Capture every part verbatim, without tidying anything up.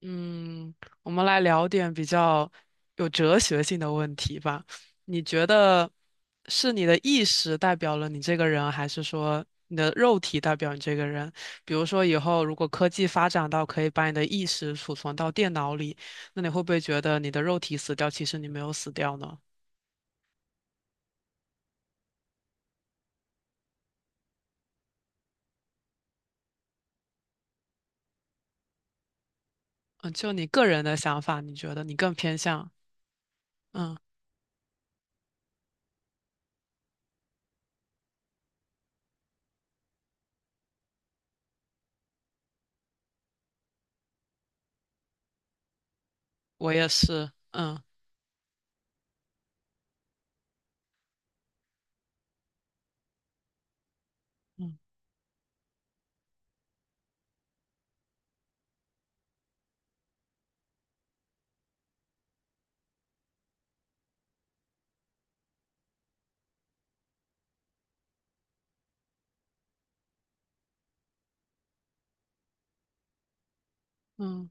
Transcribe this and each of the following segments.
嗯，我们来聊点比较有哲学性的问题吧。你觉得是你的意识代表了你这个人，还是说你的肉体代表你这个人？比如说，以后如果科技发展到可以把你的意识储存到电脑里，那你会不会觉得你的肉体死掉，其实你没有死掉呢？嗯，就你个人的想法，你觉得你更偏向？嗯，我也是。嗯嗯嗯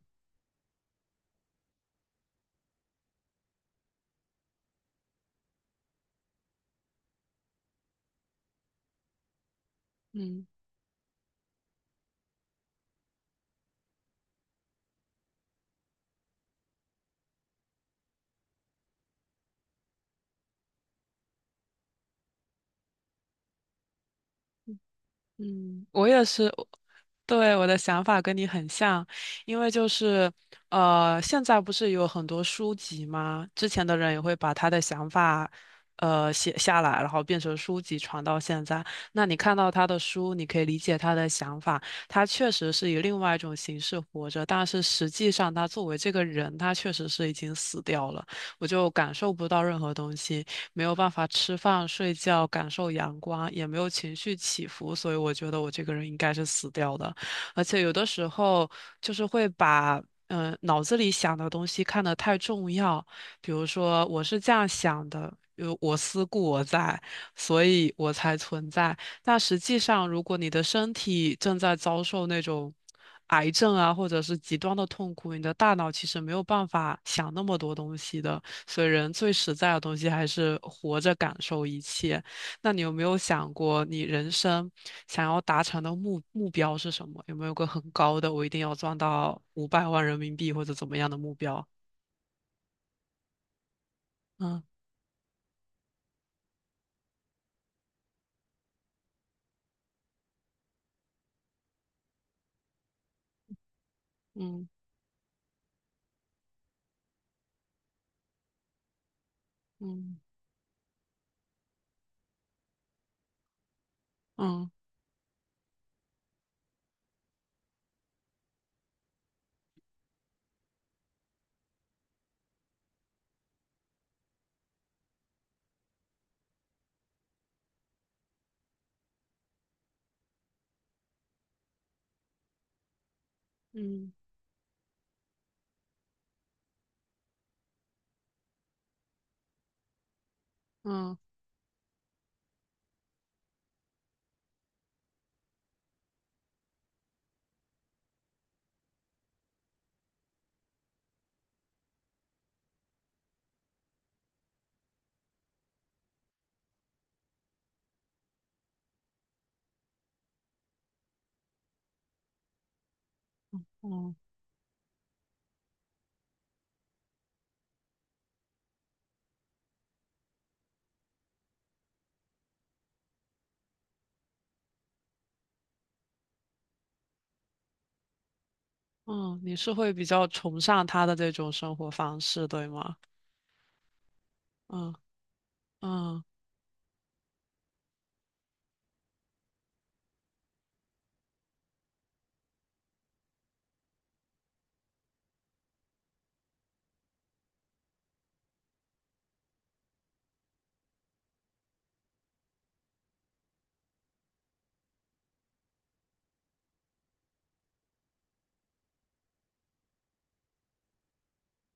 嗯嗯，我也是。对，我的想法跟你很像，因为就是，呃，现在不是有很多书籍吗？之前的人也会把他的想法，呃，写下来，然后变成书籍传到现在。那你看到他的书，你可以理解他的想法，他确实是以另外一种形式活着，但是实际上他作为这个人，他确实是已经死掉了，我就感受不到任何东西，没有办法吃饭、睡觉、感受阳光，也没有情绪起伏，所以我觉得我这个人应该是死掉的。而且有的时候就是会把嗯、呃脑子里想的东西看得太重要，比如说我是这样想的，有我思故我在，所以我才存在。但实际上，如果你的身体正在遭受那种癌症啊，或者是极端的痛苦，你的大脑其实没有办法想那么多东西的。所以，人最实在的东西还是活着感受一切。那你有没有想过，你人生想要达成的目目标是什么？有没有个很高的，我一定要赚到五百万人民币或者怎么样的目标？嗯嗯嗯嗯嗯嗯嗯嗯，你是会比较崇尚他的这种生活方式，对吗？嗯嗯。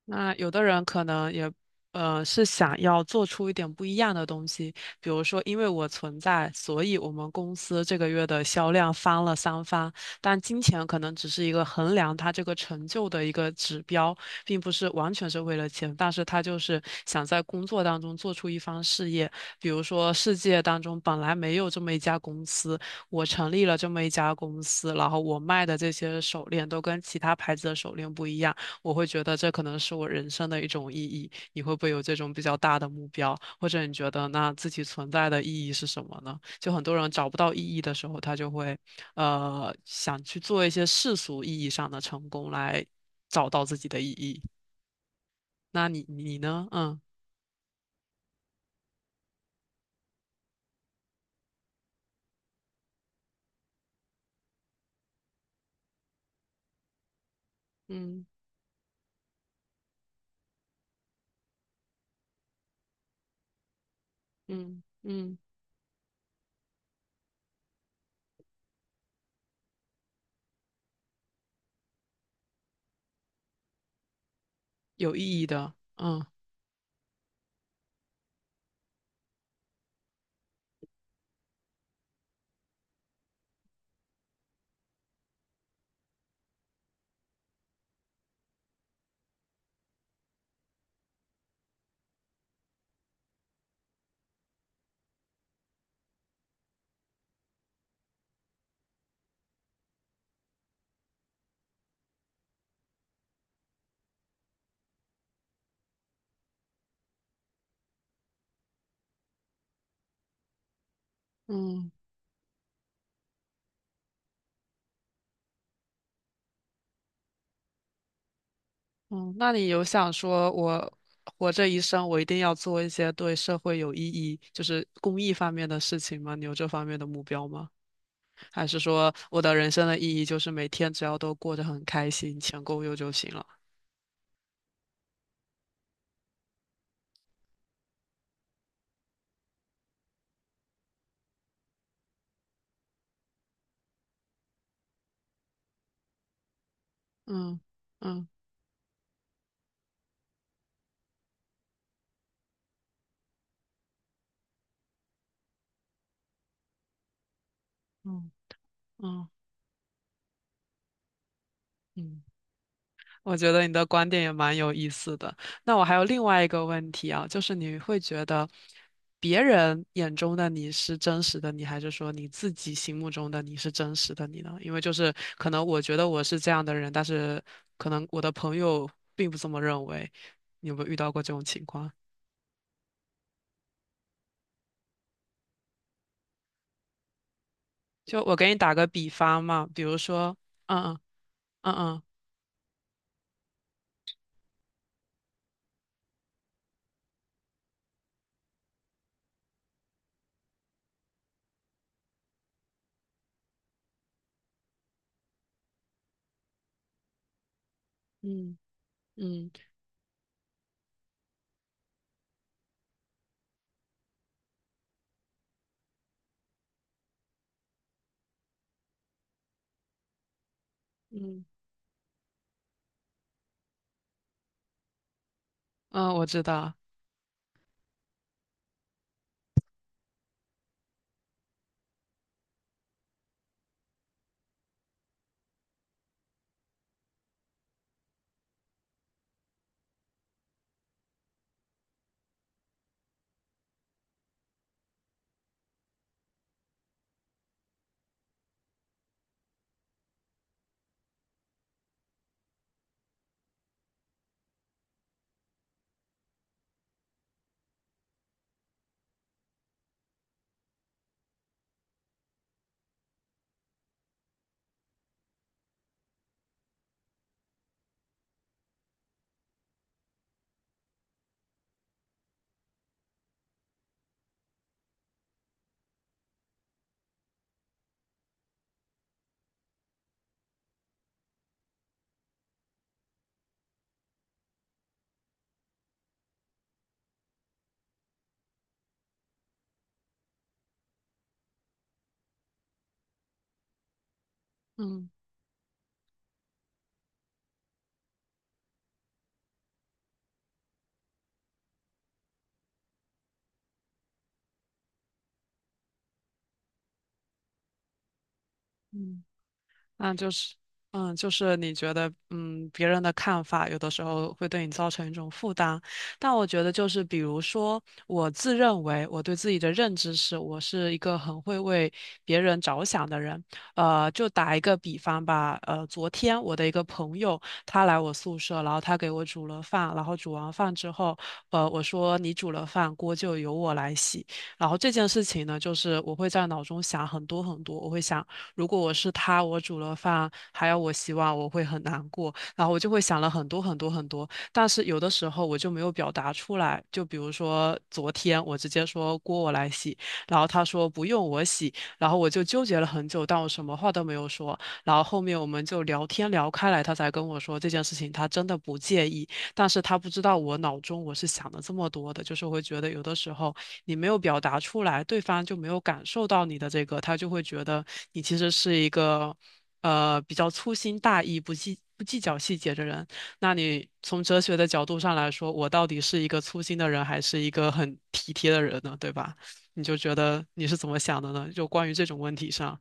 那有的人可能也，呃，是想要做出一点不一样的东西，比如说，因为我存在，所以我们公司这个月的销量翻了三番。但金钱可能只是一个衡量他这个成就的一个指标，并不是完全是为了钱，但是他就是想在工作当中做出一番事业。比如说，世界当中本来没有这么一家公司，我成立了这么一家公司，然后我卖的这些手链都跟其他牌子的手链不一样。我会觉得这可能是我人生的一种意义。你会不会有这种比较大的目标，或者你觉得那自己存在的意义是什么呢？就很多人找不到意义的时候，他就会呃想去做一些世俗意义上的成功来找到自己的意义。那你你呢？嗯嗯嗯嗯，有意义的，嗯嗯。嗯，那你有想说，我活这一生，我一定要做一些对社会有意义，就是公益方面的事情吗？你有这方面的目标吗？还是说我的人生的意义就是每天只要都过得很开心，钱够用就行了？嗯嗯嗯嗯嗯。我觉得你的观点也蛮有意思的。那我还有另外一个问题啊，就是你会觉得别人眼中的你是真实的你，还是说你自己心目中的你是真实的你呢？因为就是可能我觉得我是这样的人，但是可能我的朋友并不这么认为。你有没有遇到过这种情况？就我给你打个比方嘛，比如说，嗯嗯嗯嗯嗯嗯嗯，嗯，我知道，嗯嗯。那就是，嗯，就是你觉得，嗯，别人的看法有的时候会对你造成一种负担，但我觉得就是，比如说，我自认为我对自己的认知是，我是一个很会为别人着想的人。呃，就打一个比方吧，呃，昨天我的一个朋友他来我宿舍，然后他给我煮了饭，然后煮完饭之后，呃，我说你煮了饭，锅就由我来洗。然后这件事情呢，就是我会在脑中想很多很多，我会想。如果我是他，我煮了饭还要我洗碗，我会很难过。然后我就会想了很多很多很多，但是有的时候我就没有表达出来。就比如说昨天，我直接说锅我来洗，然后他说不用我洗，然后我就纠结了很久，但我什么话都没有说。然后后面我们就聊天聊开来，他才跟我说这件事情他真的不介意，但是他不知道我脑中我是想了这么多的，就是会觉得有的时候。你没有表达出来，对方就没有感受到你的这个，他就会觉得你其实是一个呃比较粗心大意、不计不计较细节的人。那你从哲学的角度上来说，我到底是一个粗心的人，还是一个很体贴的人呢？对吧？你就觉得你是怎么想的呢？就关于这种问题上。